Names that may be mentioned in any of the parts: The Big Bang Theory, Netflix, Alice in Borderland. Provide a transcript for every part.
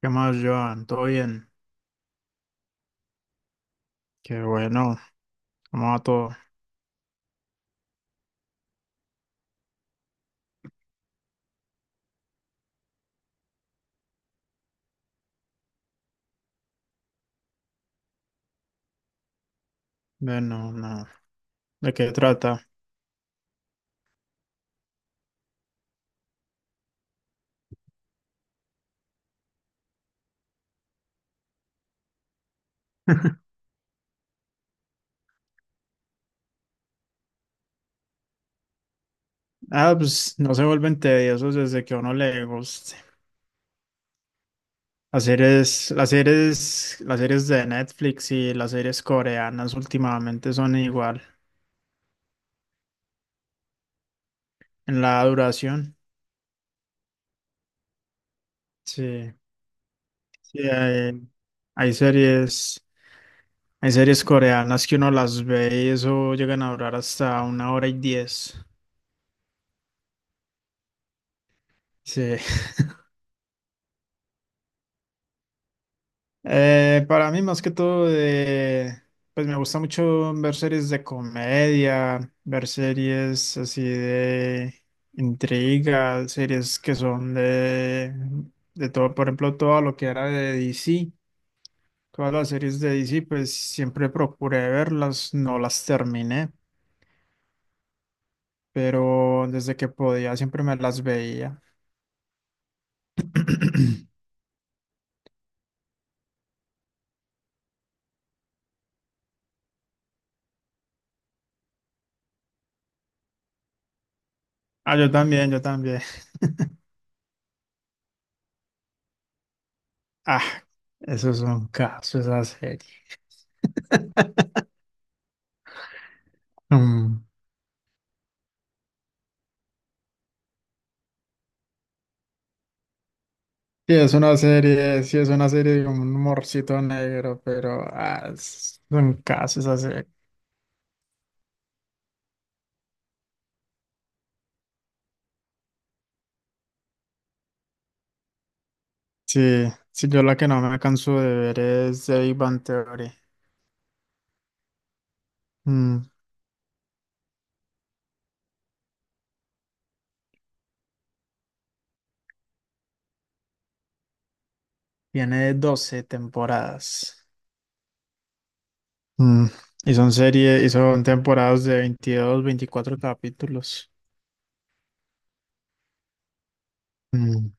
¿Qué más, Joan? ¿Todo bien? Qué bueno. ¿Cómo va todo? Bueno, no. ¿De qué trata? Ah, pues no se vuelven tediosos desde que a uno le guste. Las series de Netflix y las series coreanas últimamente son igual en la duración. Sí, sí, hay series, hay series coreanas que uno las ve y eso llegan a durar hasta 1 hora y 10. Sí. Para mí, más que todo, pues me gusta mucho ver series de comedia, ver series así de intriga, series que son de todo. Por ejemplo, todo lo que era de DC, todas las series de DC, pues siempre procuré verlas, no las terminé, pero desde que podía siempre me las veía. Ah, yo también, yo también. Ah, eso es un caso, esa serie. Mm. Sí, es una serie, sí es una serie con un humorcito negro, pero ah, es un caso esa serie. Sí, sí, yo la que no me canso de ver es The Big Bang Theory. Mm. Tiene 12 temporadas. Mm. Y son series, y son temporadas de 22, 24 capítulos. Mm.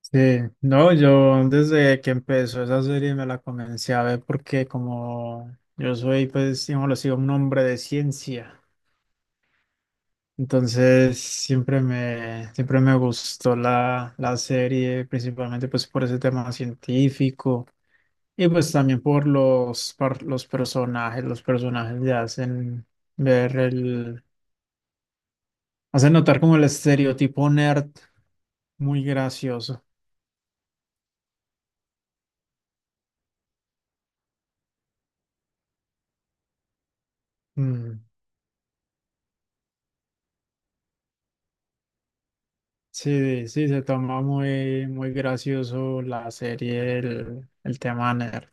Sí, no, yo desde que empezó esa serie me la comencé a ver porque como yo soy, pues, digamos, lo sigo un hombre de ciencia. Entonces siempre me gustó la serie, principalmente pues por ese tema científico y pues también por los personajes. Los personajes le hacen ver hacen notar como el estereotipo nerd muy gracioso. Mm. Sí, sí, se toma muy, muy gracioso la serie, el tema nerd.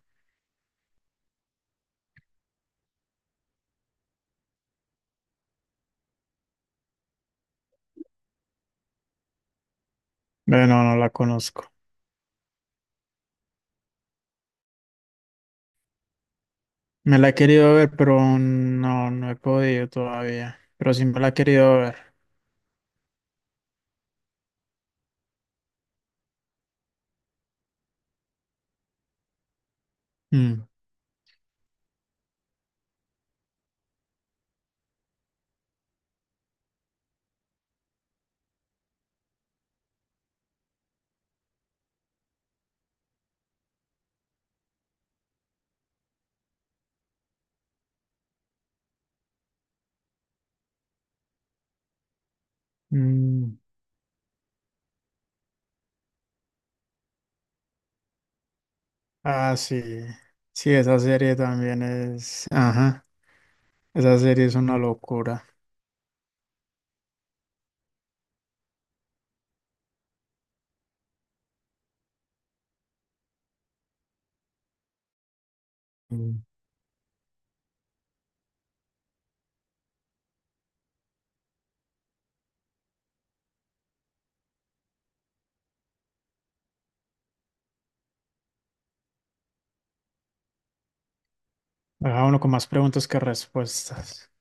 Bueno, no la conozco. Me la he querido ver, pero no, no he podido todavía. Pero sí me la he querido ver. Mm. Mm. Ah, sí. Sí, esa serie también es. Ajá. Esa serie es una locura. Mm. Deja uno con más preguntas que respuestas.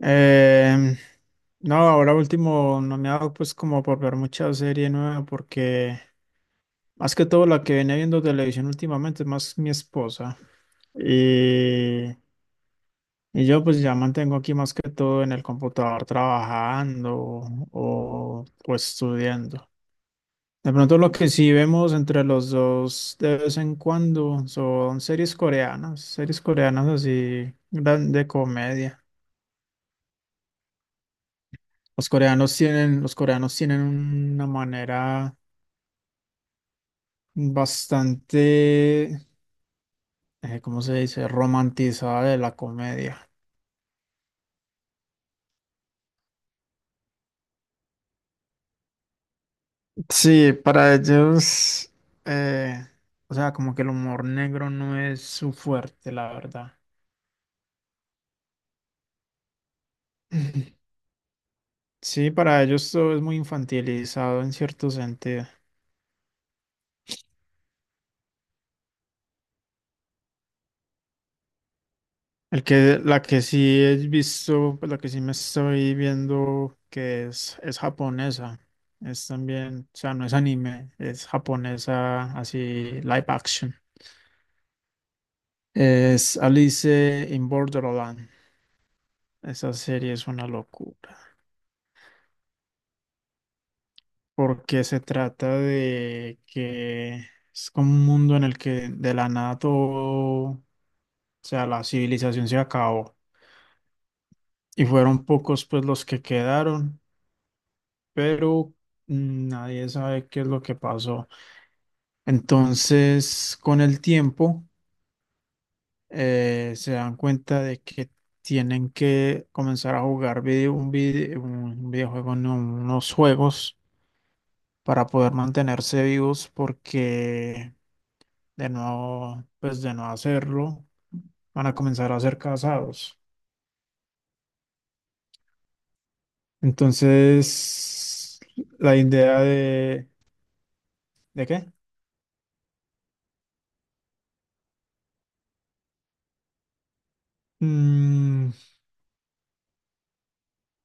Em, no, ahora último, no me ha dado pues como por ver mucha serie nueva porque más que todo la que viene viendo televisión últimamente es más mi esposa. Y. Y yo pues ya mantengo aquí más que todo en el computador trabajando o estudiando. De pronto lo que sí vemos entre los dos de vez en cuando son series coreanas así gran- de comedia. Los coreanos tienen una manera bastante, ¿cómo se dice?, romantizada de la comedia. Sí, para ellos, eh, o sea, como que el humor negro no es su fuerte, la verdad. Sí, para ellos todo es muy infantilizado en cierto sentido. La que sí he visto, pues, la que sí me estoy viendo, que es japonesa. Es también, o sea, no es anime, es japonesa, así, live action. Es Alice in Borderland. Esa serie es una locura, porque se trata de que es como un mundo en el que de la nada todo, o sea, la civilización se acabó y fueron pocos pues los que quedaron, pero nadie sabe qué es lo que pasó. Entonces, con el tiempo, se dan cuenta de que tienen que comenzar a jugar un videojuego, no, unos juegos para poder mantenerse vivos porque de no, pues de no hacerlo, van a comenzar a ser casados. Entonces, la idea de... ¿De qué? Mm,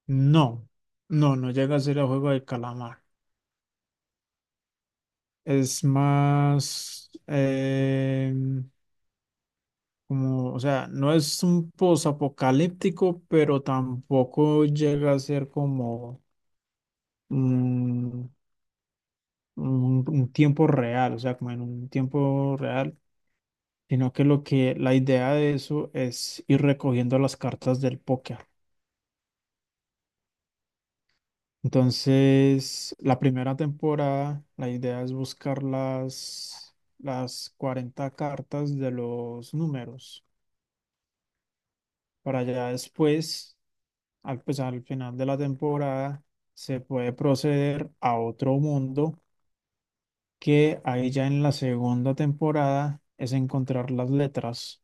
no, no llega a ser el juego del calamar. Es más como, o sea, no es un posapocalíptico, pero tampoco llega a ser como mm, un tiempo real, o sea, como en un tiempo real, sino que lo que la idea de eso es ir recogiendo las cartas del póker. Entonces, la primera temporada, la idea es buscar las 40 cartas de los números. Para ya después, pues, al final de la temporada, se puede proceder a otro mundo, que ahí ya en la segunda temporada es encontrar las letras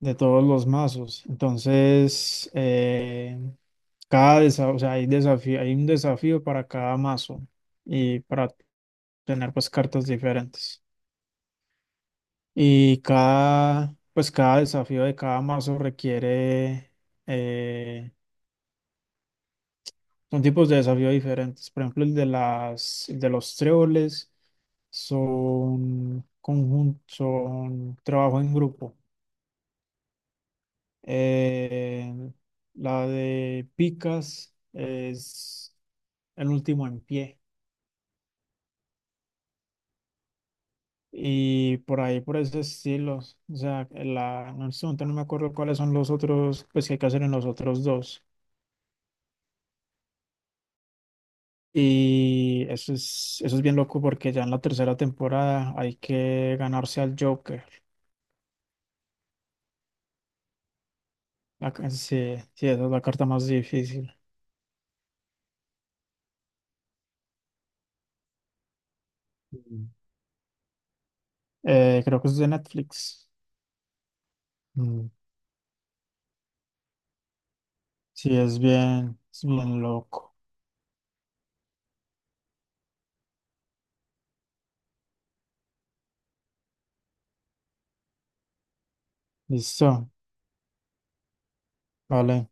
de todos los mazos. Entonces, o sea, hay desafío, hay un desafío para cada mazo y para tener pues cartas diferentes. Y cada, pues cada desafío de cada mazo requiere, eh, son tipos de desafío diferentes. Por ejemplo, el de los tréboles son conjunto, son trabajo en grupo. Eh, la de Picas es el último en pie. Y por ahí, por ese estilo. O sea, en este momento no me acuerdo cuáles son los otros, pues que hay que hacer en los otros dos. Y eso es bien loco porque ya en la tercera temporada hay que ganarse al Joker. La ca- sí, sí, esa es la carta más difícil. Mm. Creo que es de Netflix. Mm. Sí, es bien loco. Listo, vale.